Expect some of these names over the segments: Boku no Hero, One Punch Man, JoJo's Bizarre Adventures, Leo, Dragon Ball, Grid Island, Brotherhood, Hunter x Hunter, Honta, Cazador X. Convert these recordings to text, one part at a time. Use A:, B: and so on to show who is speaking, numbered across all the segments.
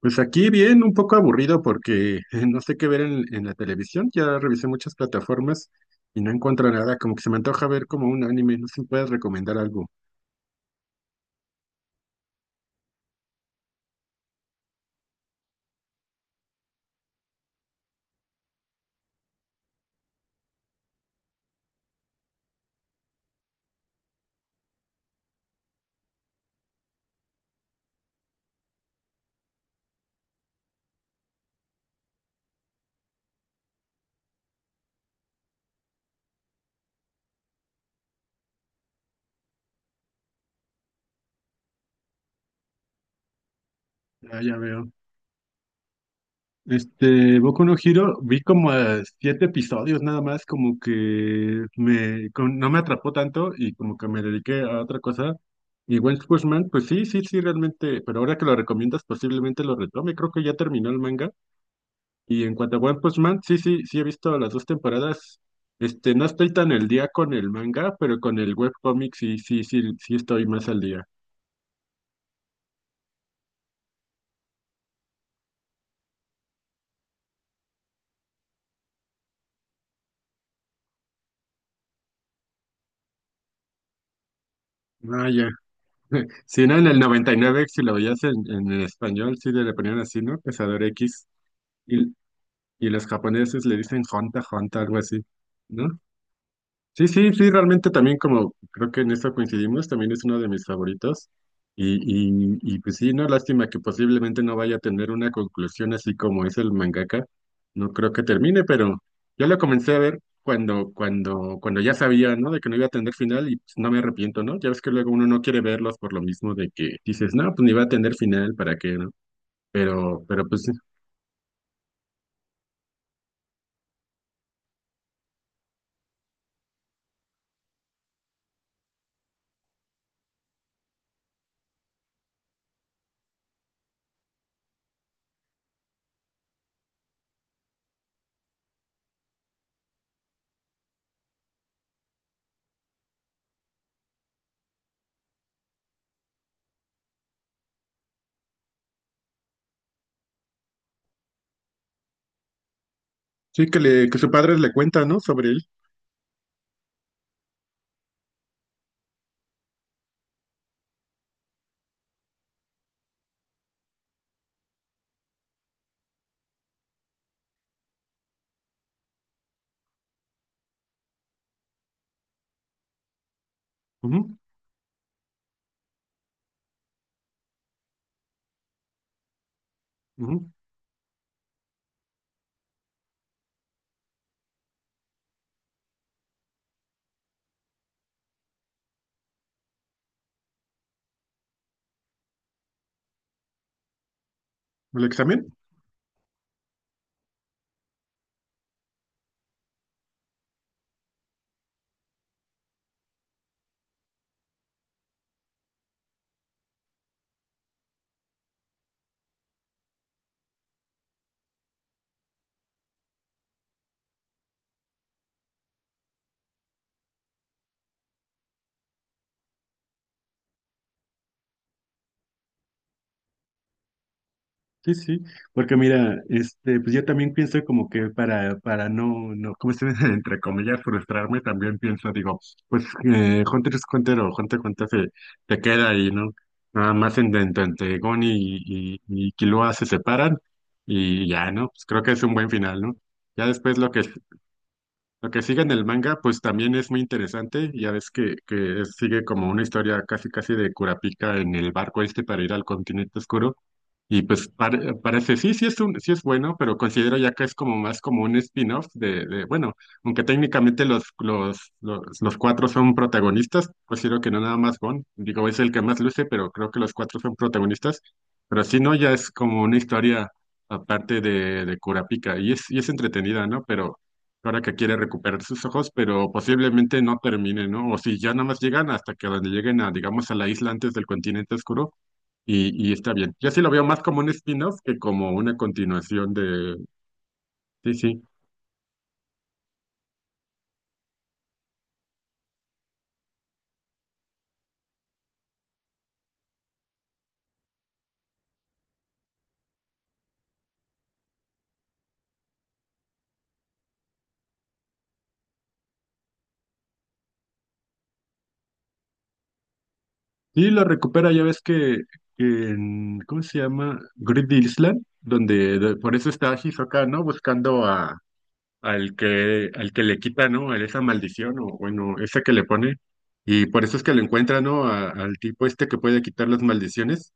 A: Pues aquí bien, un poco aburrido porque no sé qué ver en la televisión. Ya revisé muchas plataformas y no encuentro nada. Como que se me antoja ver como un anime. No sé si me puedes recomendar algo. Ah, ya veo. Este, Boku no Hero, vi como siete episodios nada más, como que me, no me atrapó tanto y como que me dediqué a otra cosa. Y One Punch Man, pues sí, sí, sí, realmente, pero ahora que lo recomiendas posiblemente lo retome. Creo que ya terminó el manga. Y en cuanto a One Punch Man, sí, sí, sí he visto las dos temporadas. Este, no estoy tan al día con el manga, pero con el webcomic sí, sí, sí, sí estoy más al día. Ah, ya. Si no, en el 99 si lo veías en el español, sí le ponían así, ¿no? Cazador X. Y, y los japoneses le dicen Honta, Honta, algo así, ¿no? Sí, sí, sí, realmente también como creo que en eso coincidimos, también es uno de mis favoritos. Y, y pues sí, no, lástima que posiblemente no vaya a tener una conclusión así como es el mangaka. No creo que termine, pero yo lo comencé a ver cuando, cuando ya sabía, ¿no? De que no iba a tener final y pues, no me arrepiento, ¿no? Ya ves que luego uno no quiere verlos por lo mismo de que dices, no, pues ni va a tener final, ¿para qué, no? Pero pues sí, sí que su padre le cuenta, ¿no? Sobre él. Ujú, ujú, el examen. Sí, sí, porque mira, este, pues yo también pienso como que para, no, no, ¿cómo se dice? Entre comillas, frustrarme, también pienso, digo, pues Hunter es Hunter o Hunter x Hunter se, queda ahí, ¿no? Nada más en, entre Gon y Killua se separan y ya, ¿no? Pues creo que es un buen final, ¿no? Ya después lo que, sigue en el manga, pues también es muy interesante, ya ves que sigue como una historia casi casi de Kurapika en el barco este para ir al continente oscuro. Y pues parece, sí, sí es bueno, pero considero ya que es como más como un spin-off de, bueno, aunque técnicamente los cuatro son protagonistas, considero que no nada más Gon, digo, es el que más luce, pero creo que los cuatro son protagonistas, pero si no, ya es como una historia aparte de, Kurapika, y es entretenida, ¿no? Pero ahora que quiere recuperar sus ojos, pero posiblemente no termine, ¿no? O si ya nada más llegan hasta que donde lleguen a, digamos, a la isla antes del continente oscuro y está bien. Yo sí lo veo más como un spin-off que como una continuación de. Sí, sí. Y lo recupera, ya ves que en. ¿Cómo se llama? Grid Island, donde por eso está Hisoka, ¿no? Buscando al que, le quita, ¿no? A esa maldición o bueno, esa que le pone. Y por eso es que lo encuentra, ¿no? Al tipo este que puede quitar las maldiciones.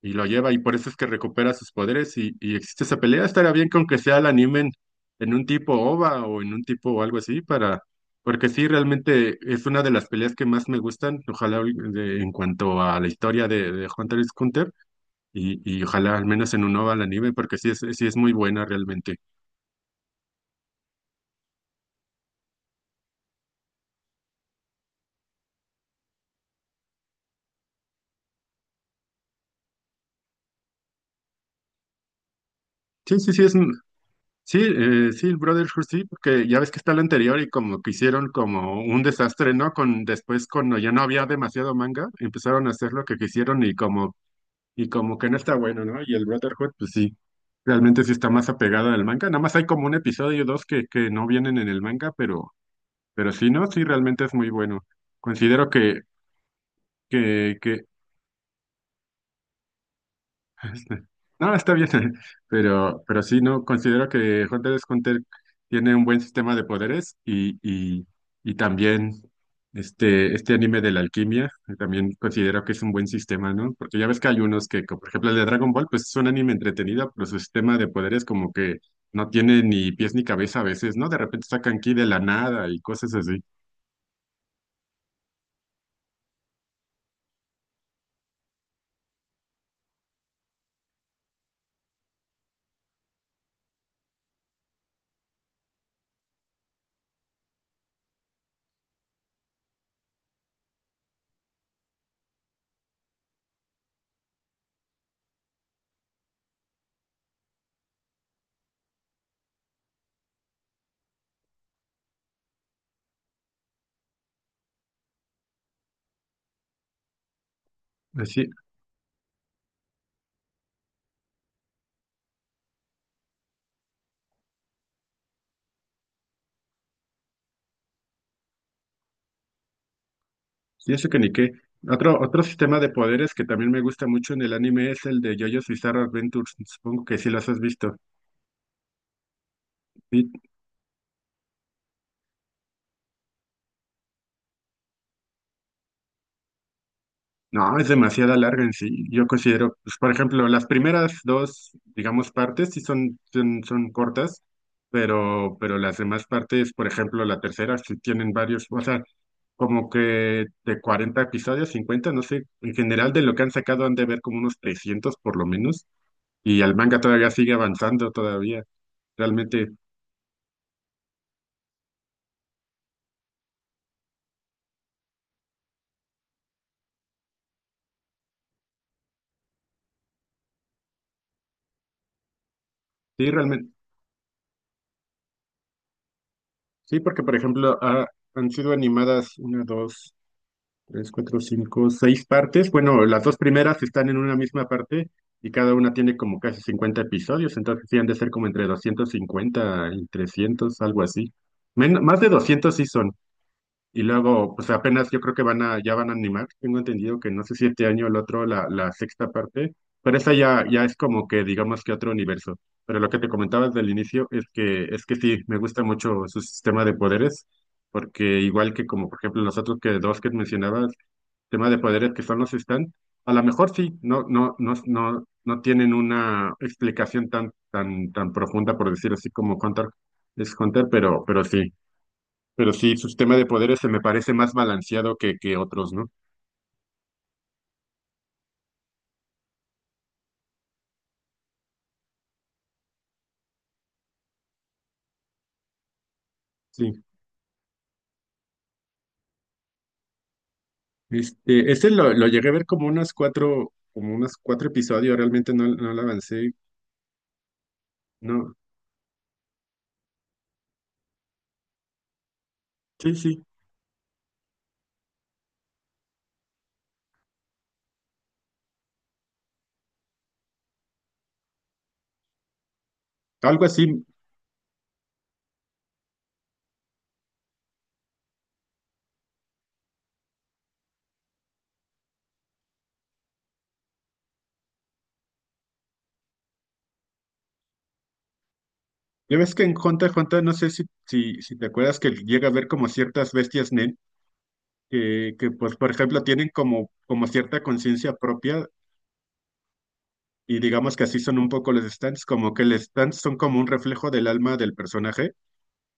A: Y lo lleva y por eso es que recupera sus poderes y existe esa pelea. Estaría bien con que sea la animen en un tipo OVA o en un tipo o algo así para, porque sí, realmente es una de las peleas que más me gustan, ojalá en cuanto a la historia de, Hunter x Hunter y ojalá al menos en un OVA la anime porque sí es muy buena realmente. Sí, sí, sí es. Sí, sí, el Brotherhood sí, porque ya ves que está el anterior y como que hicieron como un desastre, ¿no? Con después cuando ya no había demasiado manga, empezaron a hacer lo que quisieron y como que no está bueno, ¿no? Y el Brotherhood, pues sí, realmente sí está más apegado al manga. Nada más hay como un episodio o dos que, no vienen en el manga, pero sí, ¿no? Sí, realmente es muy bueno. Considero que, este, no, está bien, pero sí, no, considero que Hunter x Hunter tiene un buen sistema de poderes y también este anime de la alquimia, también considero que es un buen sistema, ¿no? Porque ya ves que hay unos que, como por ejemplo el de Dragon Ball, pues es un anime entretenido, pero su sistema de poderes como que no tiene ni pies ni cabeza a veces, ¿no? De repente sacan ki de la nada y cosas así. Así, y eso que ni qué. Otro sistema de poderes que también me gusta mucho en el anime es el de JoJo's Bizarre Adventures. Supongo que sí las has visto. Y, no, es demasiada larga en sí. Yo considero, pues, por ejemplo, las primeras dos, digamos, partes sí son, cortas, pero las demás partes, por ejemplo, la tercera, sí tienen varios, o sea, como que de 40 episodios, 50 no sé, en general de lo que han sacado han de ver como unos 300 por lo menos, y el manga todavía sigue avanzando todavía. Realmente sí, realmente. Sí, porque por ejemplo han sido animadas una, dos, tres, cuatro, cinco, seis partes. Bueno, las dos primeras están en una misma parte y cada una tiene como casi 50 episodios, entonces sí han de ser como entre 250 y 300, algo así. Más de 200 sí son. Y luego, pues apenas yo creo que ya van a animar. Tengo entendido que no sé si este año o el otro, la, sexta parte, pero esa ya, ya es como que digamos que otro universo. Pero lo que te comentaba desde el inicio es que sí, me gusta mucho su sistema de poderes, porque igual que como por ejemplo los otros que dos que mencionabas, tema de poderes que son los están, a lo mejor sí, no, no, no, no, no tienen una explicación tan, profunda, por decir así, como Hunter es Hunter, pero sí. Pero sí, su sistema de poderes se me parece más balanceado que, otros, ¿no? Sí. Este, lo llegué a ver como como unos cuatro episodios, realmente no lo avancé. No, sí, sí. Algo así. Ya ves que en Hunter x Hunter, no sé si, te acuerdas que llega a ver como ciertas bestias Nen, que, pues, por ejemplo, tienen como cierta conciencia propia, y digamos que así son un poco los stands, como que los stands son como un reflejo del alma del personaje.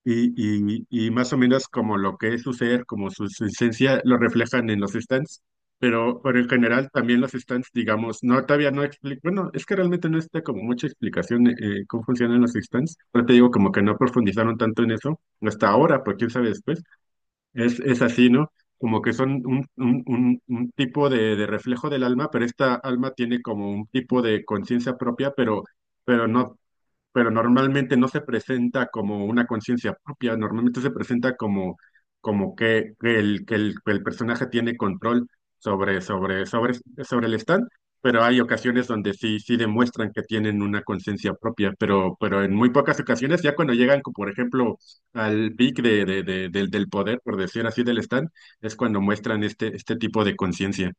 A: Y más o menos como lo que es su ser, como su, esencia, lo reflejan en los stands, pero en general también los stands, digamos, no, todavía no explico, bueno, es que realmente no está como mucha explicación cómo funcionan los stands, pero te digo como que no profundizaron tanto en eso hasta ahora, porque quién sabe después, es, así, ¿no? Como que son un, tipo de reflejo del alma, pero esta alma tiene como un tipo de conciencia propia, pero no pero normalmente no se presenta como una conciencia propia, normalmente se presenta como, como que, el, que el, que el personaje tiene control sobre, sobre, sobre, sobre, el stand, pero hay ocasiones donde sí, demuestran que tienen una conciencia propia, pero en muy pocas ocasiones, ya cuando llegan, como por ejemplo, al pic de, del poder, por decir así, del stand, es cuando muestran este tipo de conciencia.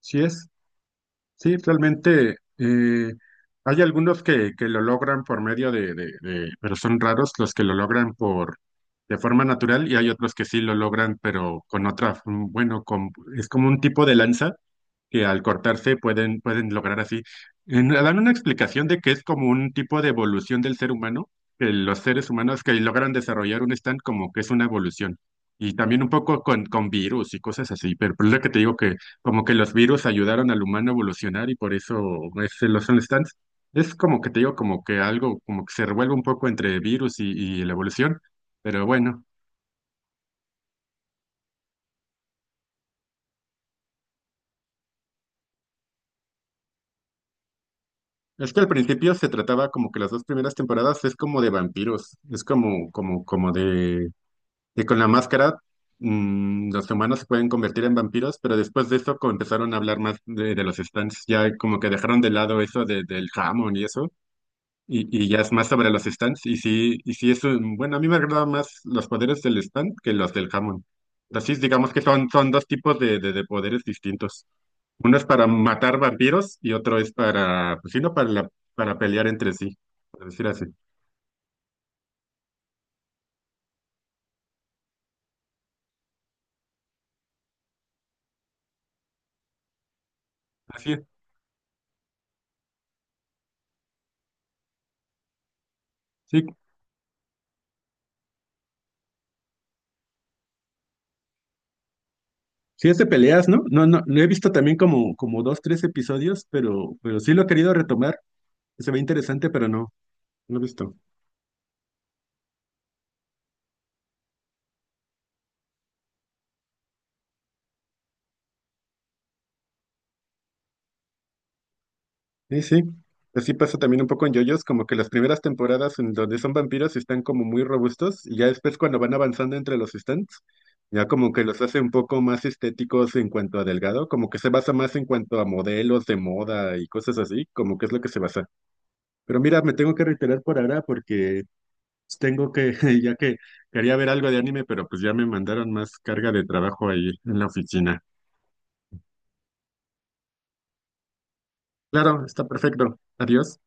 A: Sí es. Sí, realmente hay algunos que lo logran por medio de, pero son raros los que lo logran por de forma natural y hay otros que sí lo logran, pero con otra, bueno, con, es como un tipo de lanza que al cortarse pueden, lograr así. Dan una explicación de que es como un tipo de evolución del ser humano, que los seres humanos que logran desarrollar un stand como que es una evolución. Y también un poco con virus y cosas así, pero por lo que te digo que como que los virus ayudaron al humano a evolucionar y por eso es, los son stands. Es como que te digo como que algo como que se revuelve un poco entre virus y la evolución, pero bueno. Es que al principio se trataba como que las dos primeras temporadas es como de vampiros, es como, de que con la máscara los humanos se pueden convertir en vampiros, pero después de eso empezaron a hablar más de, los stands, ya como que dejaron de lado eso del jamón y eso, y ya es más sobre los stands, y sí es bueno, a mí me agradan más los poderes del stand que los del jamón. Así es, digamos que son, dos tipos de poderes distintos. Uno es para matar vampiros y otro es para, pues sí, no, para, para pelear entre sí, por decir así. Así es. Sí, sí es de peleas, ¿no? No, no, lo he visto también como, dos, tres episodios, pero sí lo he querido retomar. Se ve interesante, pero no, no lo he visto. Sí, sí. Así pasa también un poco en JoJo's, como que las primeras temporadas en donde son vampiros están como muy robustos y ya después cuando van avanzando entre los stands, ya como que los hace un poco más estéticos en cuanto a delgado, como que se basa más en cuanto a modelos de moda y cosas así, como que es lo que se basa. Pero mira, me tengo que reiterar por ahora porque tengo que, ya que quería ver algo de anime, pero pues ya me mandaron más carga de trabajo ahí en la oficina. Claro, está perfecto. Adiós.